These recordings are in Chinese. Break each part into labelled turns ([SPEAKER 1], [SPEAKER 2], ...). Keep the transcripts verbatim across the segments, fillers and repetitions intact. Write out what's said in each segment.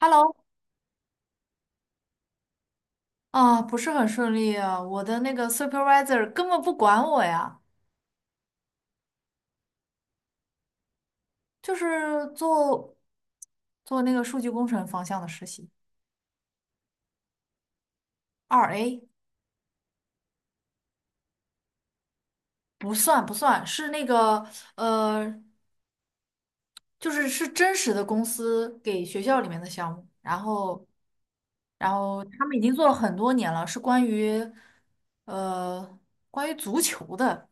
[SPEAKER 1] Hello，啊，不是很顺利啊，我的那个 supervisor 根本不管我呀，就是做做那个数据工程方向的实习，二 A 不算不算，是那个呃，就是是真实的公司给学校里面的项目，然后然后他们已经做了很多年了，是关于呃关于足球的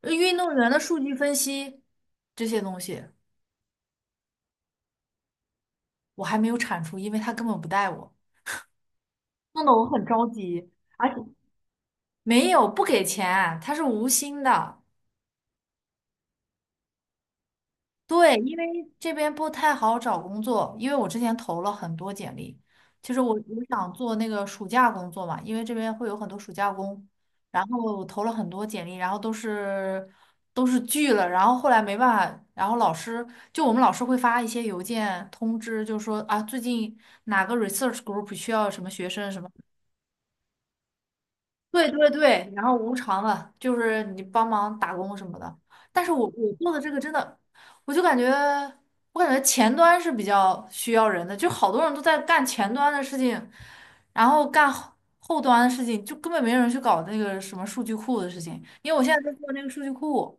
[SPEAKER 1] 呃运动员的数据分析这些东西。我还没有产出，因为他根本不带我。弄得我很着急，而且没有不给钱，他是无薪的。对，因为这边不太好找工作，因为我之前投了很多简历，就是我我想做那个暑假工作嘛，因为这边会有很多暑假工，然后我投了很多简历，然后都是都是拒了，然后后来没办法，然后老师就我们老师会发一些邮件通知，就说啊最近哪个 research group 需要什么学生什么。对对对，然后无偿的，就是你帮忙打工什么的。但是我我做的这个真的，我就感觉我感觉前端是比较需要人的，就好多人都在干前端的事情，然后干后后端的事情，就根本没人去搞那个什么数据库的事情。因为我现在在做那个数据库，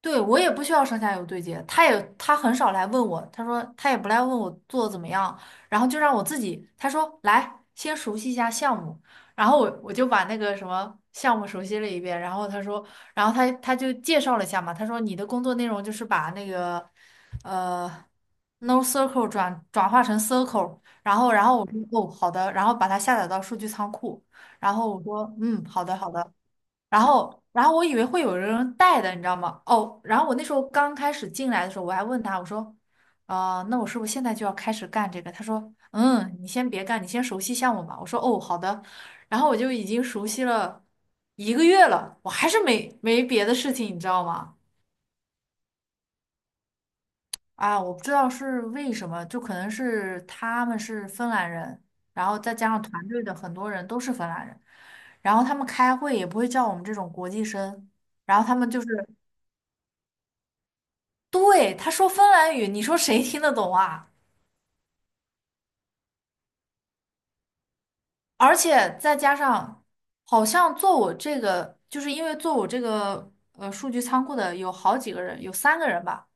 [SPEAKER 1] 对，我也不需要上下游对接，他也他很少来问我，他说他也不来问我做得怎么样，然后就让我自己，他说来先熟悉一下项目，然后我我就把那个什么项目熟悉了一遍，然后他说，然后他他就介绍了一下嘛，他说你的工作内容就是把那个呃 no circle 转转化成 circle，然后然后我说哦好的，然后把它下载到数据仓库，然后我说嗯好的好的，然后，然后我以为会有人带的，你知道吗？哦，然后我那时候刚开始进来的时候，我还问他，我说，啊，那我是不是现在就要开始干这个？他说，嗯，你先别干，你先熟悉项目吧。我说，哦，好的。然后我就已经熟悉了一个月了，我还是没没别的事情，你知道吗？啊，我不知道是为什么，就可能是他们是芬兰人，然后再加上团队的很多人都是芬兰人，然后他们开会也不会叫我们这种国际生，然后他们就是。对，他说芬兰语，你说谁听得懂啊？而且再加上，好像做我这个，就是因为做我这个呃数据仓库的有好几个人，有三个人吧，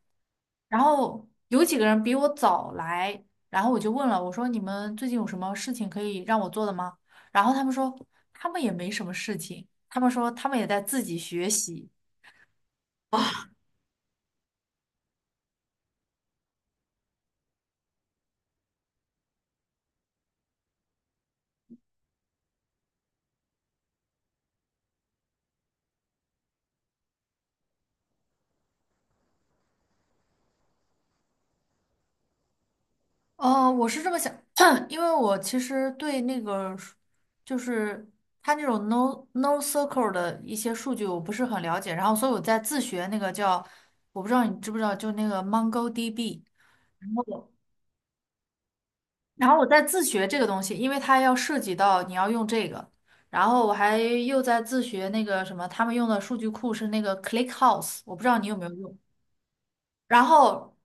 [SPEAKER 1] 然后有几个人比我早来，然后我就问了，我说你们最近有什么事情可以让我做的吗？然后他们说他们也没什么事情，他们说他们也在自己学习。哦，我是这么想，因为我其实对那个数就是它那种 no no circle 的一些数据我不是很了解，然后所以我在自学那个叫我不知道你知不知道，就那个 MongoDB，然后我然后我在自学这个东西，因为它要涉及到你要用这个，然后我还又在自学那个什么，他们用的数据库是那个 ClickHouse，我不知道你有没有用。然后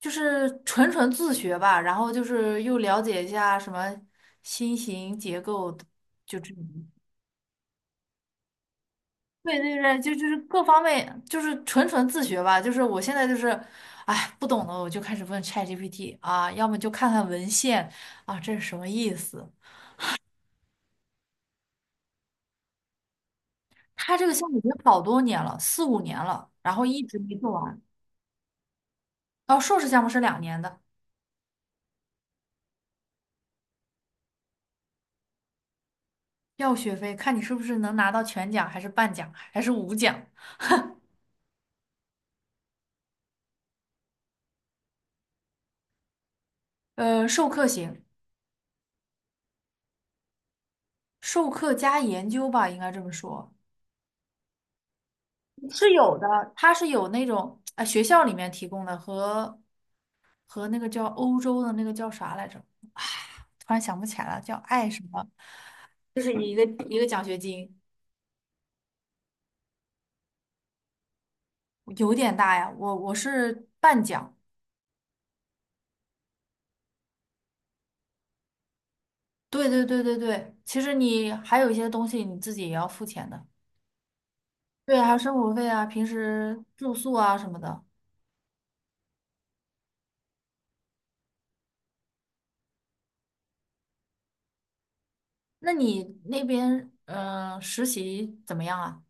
[SPEAKER 1] 就是纯纯自学吧，然后就是又了解一下什么新型结构的就这种。对对对，就就是各方面就是纯纯自学吧。就是我现在就是，哎，不懂的我就开始问 ChatGPT 啊，要么就看看文献啊，这是什么意思？它这个项目已经好多年了，四五年了，然后一直没做完。哦，硕士项目是两年的，要学费，看你是不是能拿到全奖，还是半奖，还是五奖。呃，授课型，授课加研究吧，应该这么说。是有的，它是有那种啊、学校里面提供的和和那个叫欧洲的那个叫啥来着，突然想不起来了，叫爱什么，就是一个一个奖学金。有点大呀。我我是半奖。对对对对对，其实你还有一些东西你自己也要付钱的。对啊，还有生活费啊，平时住宿啊什么的。那你那边嗯、呃实习怎么样啊？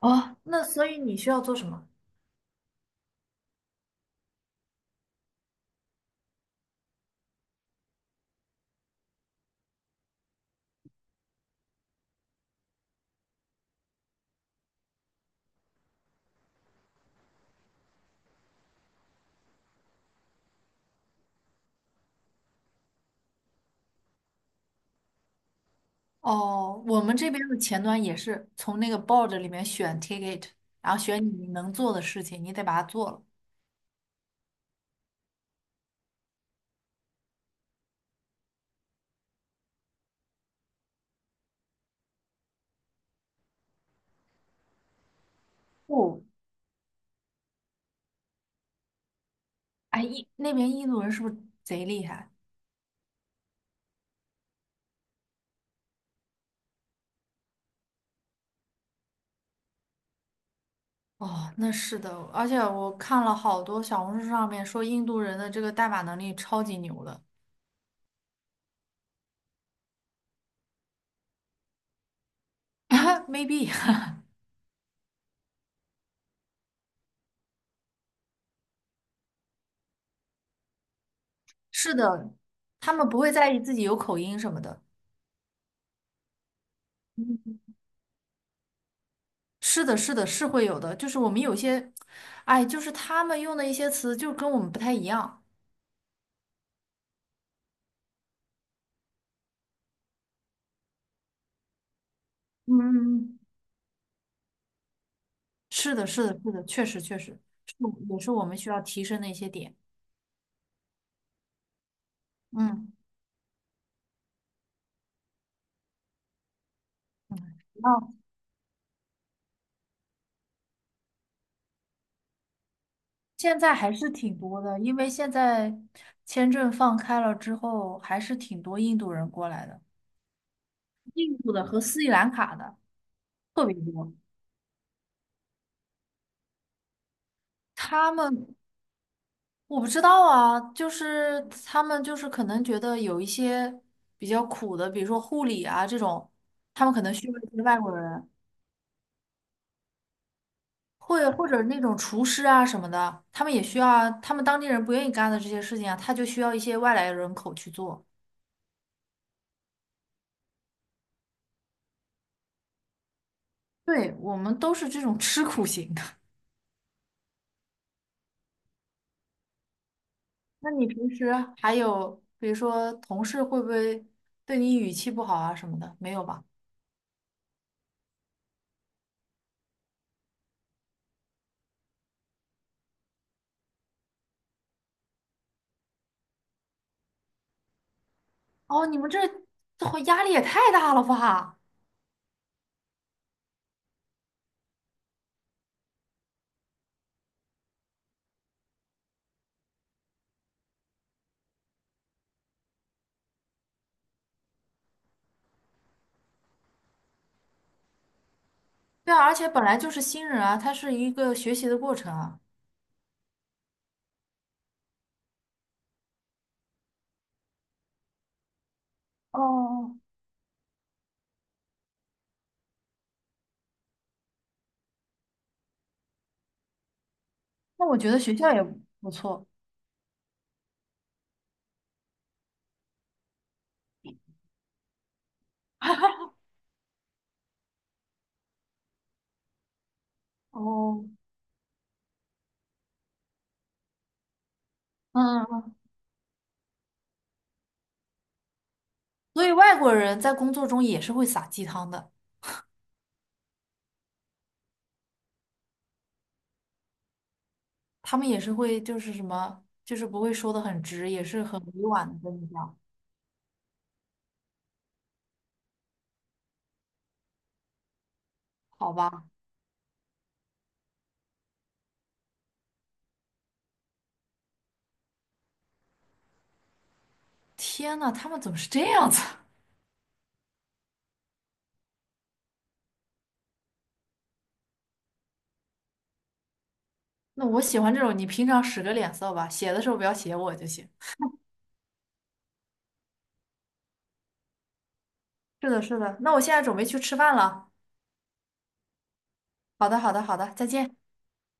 [SPEAKER 1] 哦，那所以你需要做什么？哦，我们这边的前端也是从那个 board 里面选 ticket，然后选你能做的事情，你得把它做了。哦，哎，印那边印度人是不是贼厉害？哦，那是的，而且我看了好多小红书上面说印度人的这个代码能力超级牛的 ，maybe 是的，他们不会在意自己有口音什么的。嗯，是的，是的，是会有的，就是我们有些，哎，就是他们用的一些词就跟我们不太一样。嗯，是的，是的，是的，确实确实是，也是我们需要提升的一些点。嗯嗯，哦，现在还是挺多的，因为现在签证放开了之后，还是挺多印度人过来的，印度的和斯里兰卡的特别多。他们我不知道啊，就是他们就是可能觉得有一些比较苦的，比如说护理啊这种，他们可能需要一些外国人。会或者那种厨师啊什么的，他们也需要啊，他们当地人不愿意干的这些事情啊，他就需要一些外来人口去做。对，我们都是这种吃苦型的。那你平时还有，比如说同事会不会对你语气不好啊什么的？没有吧？哦，你们这这会压力也太大了吧？对啊，而且本来就是新人啊，他是一个学习的过程啊。哦，那我觉得学校也不错。哦，嗯嗯，所以外国人在工作中也是会撒鸡汤的。他们也是会就是什么，就是不会说的很直，也是很委婉的跟你讲，好吧？天呐，他们怎么是这样子？那我喜欢这种，你平常使个脸色吧，写的时候不要写我就行。是的，是的，那我现在准备去吃饭了。好的，好的，好的，再见。